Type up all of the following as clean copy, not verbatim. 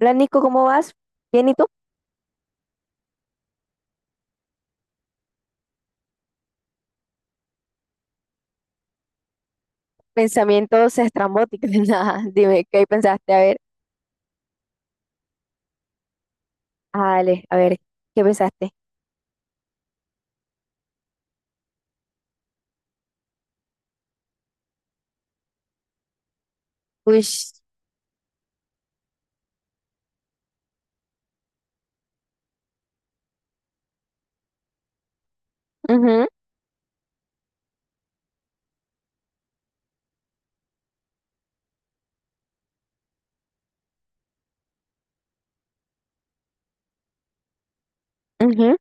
Hola, Nico, ¿cómo vas? Bien, ¿y tú? Pensamientos estrambóticos. Nada, dime, ¿qué pensaste? A ver, Ale, a ver, ¿qué pensaste? Uy, mhm, mhm,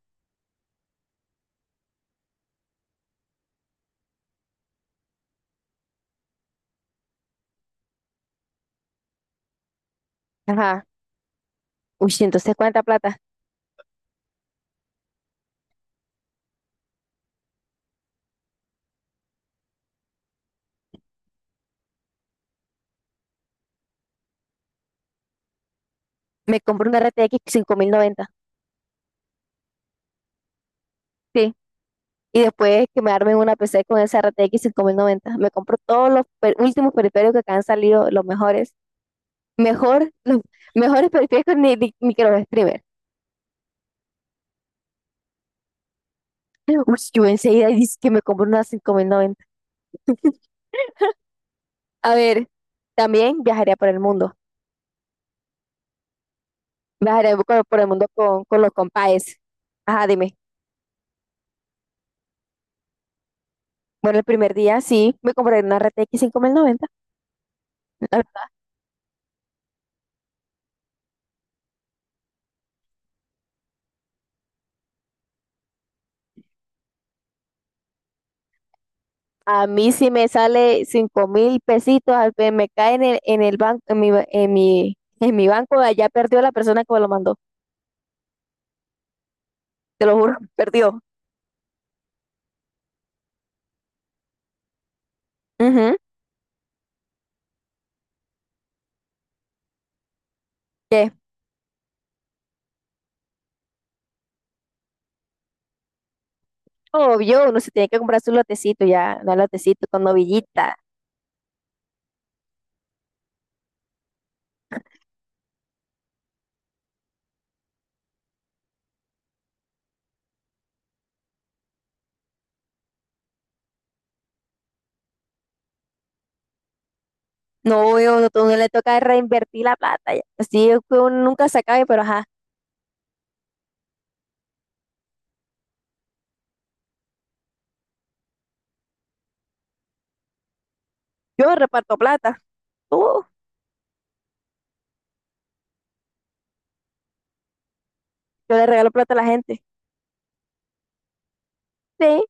ajá. Uy, sí, entonces, ¿cuánta plata? Me compro una RTX 90. Sí. Y después que me armen una PC con esa RTX 90. Me compro todos los últimos periféricos que han salido, los mejores. Mejor, los mejores periféricos ni que los streamers. Uy, yo enseguida dice que me compro una 5090. A ver, también viajaría por el mundo. Viajaré por el mundo con los compaes. Ajá, dime. Bueno, el primer día sí, me compré una RTX 90. A mí sí me sale 5.000 pesitos, me cae en el banco, en mi, ba- en mi banco, allá perdió la persona que me lo mandó, te lo juro, perdió. Ujú. ¿Qué? Obvio, uno se tiene que comprar su lotecito ya, un lotecito con novillita. No, obvio, no, uno le toca reinvertir la plata ya, así es que uno nunca se acabe, pero ajá, yo reparto plata. Tú, yo le regalo plata a la gente. Sí,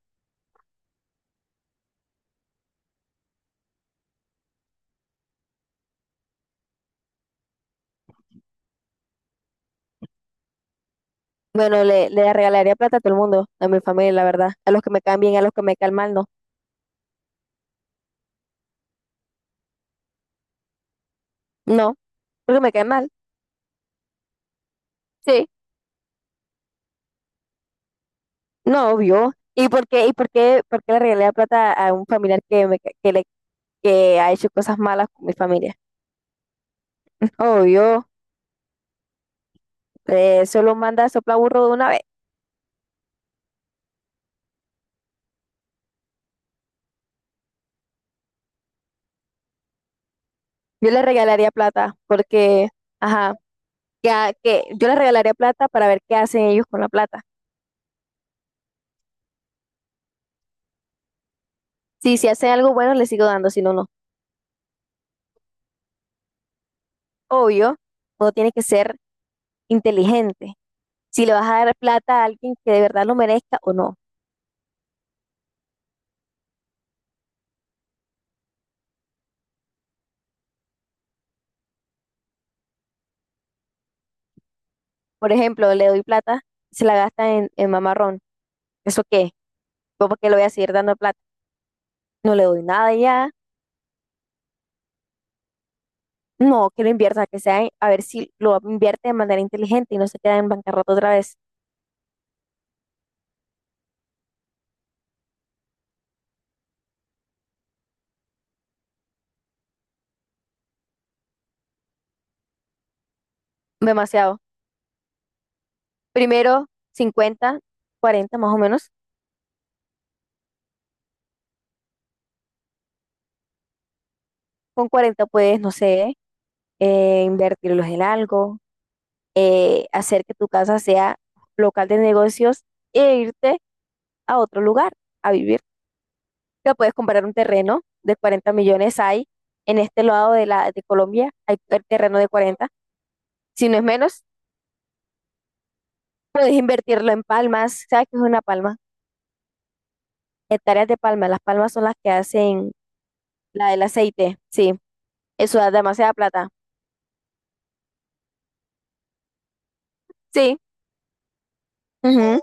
bueno, le regalaría plata a todo el mundo, a mi familia, la verdad. A los que me caen bien, a los que me caen mal, no. No, porque me caen mal. Sí, no, obvio. ¿Y por qué le regalaría plata a un familiar que, me, ca- que, le, que ha hecho cosas malas con mi familia? Obvio, solo manda a soplar burro de una vez. Yo le regalaría plata porque, ajá, que yo le regalaría plata para ver qué hacen ellos con la plata. Sí, si hacen algo bueno, le sigo dando, si no, no. Obvio, uno tiene que ser inteligente, si le vas a dar plata a alguien que de verdad lo merezca o no. Por ejemplo, le doy plata, se la gasta en mamarrón. ¿Eso qué? ¿Yo por qué le voy a seguir dando plata? No le doy nada ya. No, que lo invierta, que sea, a ver si lo invierte de manera inteligente y no se queda en bancarrota otra vez. Demasiado. Primero, 50, 40 más o menos. Con 40 puedes, no sé, invertirlos en algo, hacer que tu casa sea local de negocios e irte a otro lugar a vivir. Que puedes comprar un terreno de 40 millones, hay en este lado de la de Colombia, hay el terreno de 40, si no es menos, puedes invertirlo en palmas. ¿Sabes qué es una palma? Hectáreas de palma, las palmas son las que hacen la del aceite, sí, eso da demasiada plata, sí, ujú.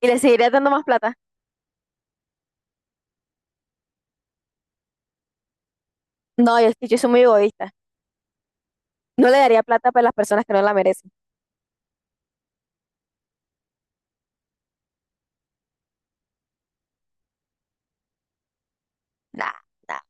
Y le seguiría dando más plata. No, yo, es que yo soy muy egoísta, no le daría plata para las personas que no la merecen. Nah, nah,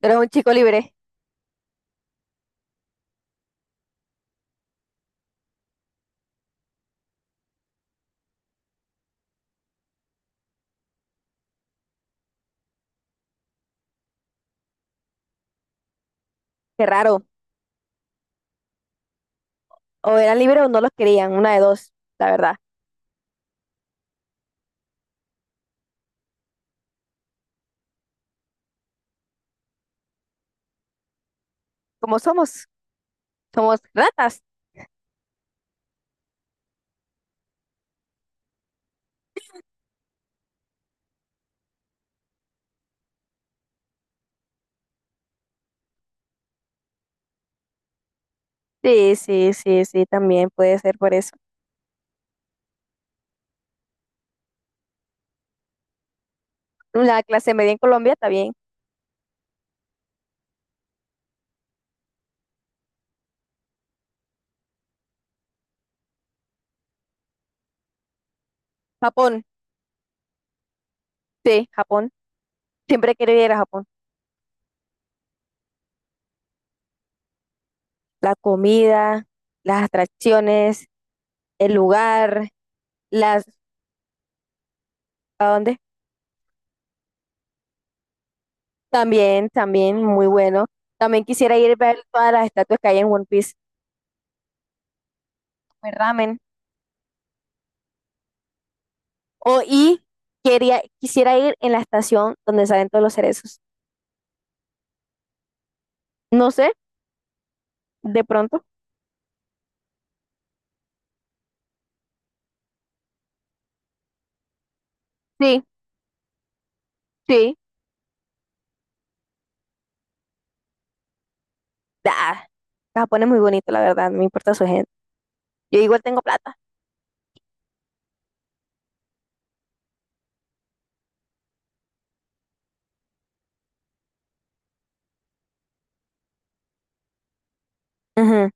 tú eres un chico libre, qué raro, o eran libres o no los querían, una de dos, la verdad, como somos, somos ratas. Sí, sí, sí, sí, también puede ser por eso. La clase media en Colombia está bien. Japón, sí, Japón. Siempre quiero ir a Japón. La comida, las atracciones, el lugar, las. ¿A dónde? También, también, muy bueno. También quisiera ir a ver todas las estatuas que hay en One Piece. Comer ramen. O y quisiera ir en la estación donde salen todos los cerezos. No sé, de pronto. Sí, sí. Ah, Japón es muy bonito, la verdad, no me importa su gente. Yo igual tengo plata. Ujú.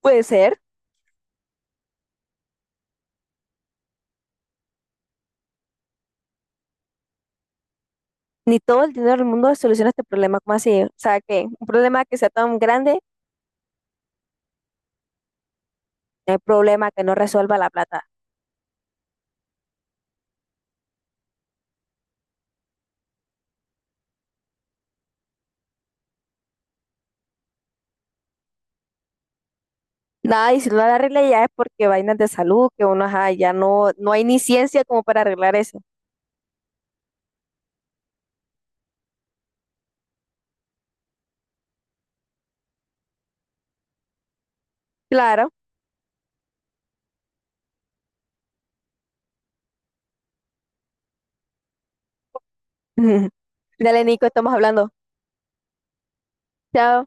Puede ser, ni todo el dinero del mundo soluciona este problema, ¿como así? O sea, que un problema que sea tan grande, no hay problema que no resuelva la plata. Nada, y si no la arregla ya es porque vainas de salud, que uno, ajá, ya no, no hay ni ciencia como para arreglar eso. Claro. Dale, Nico, estamos hablando. Chao.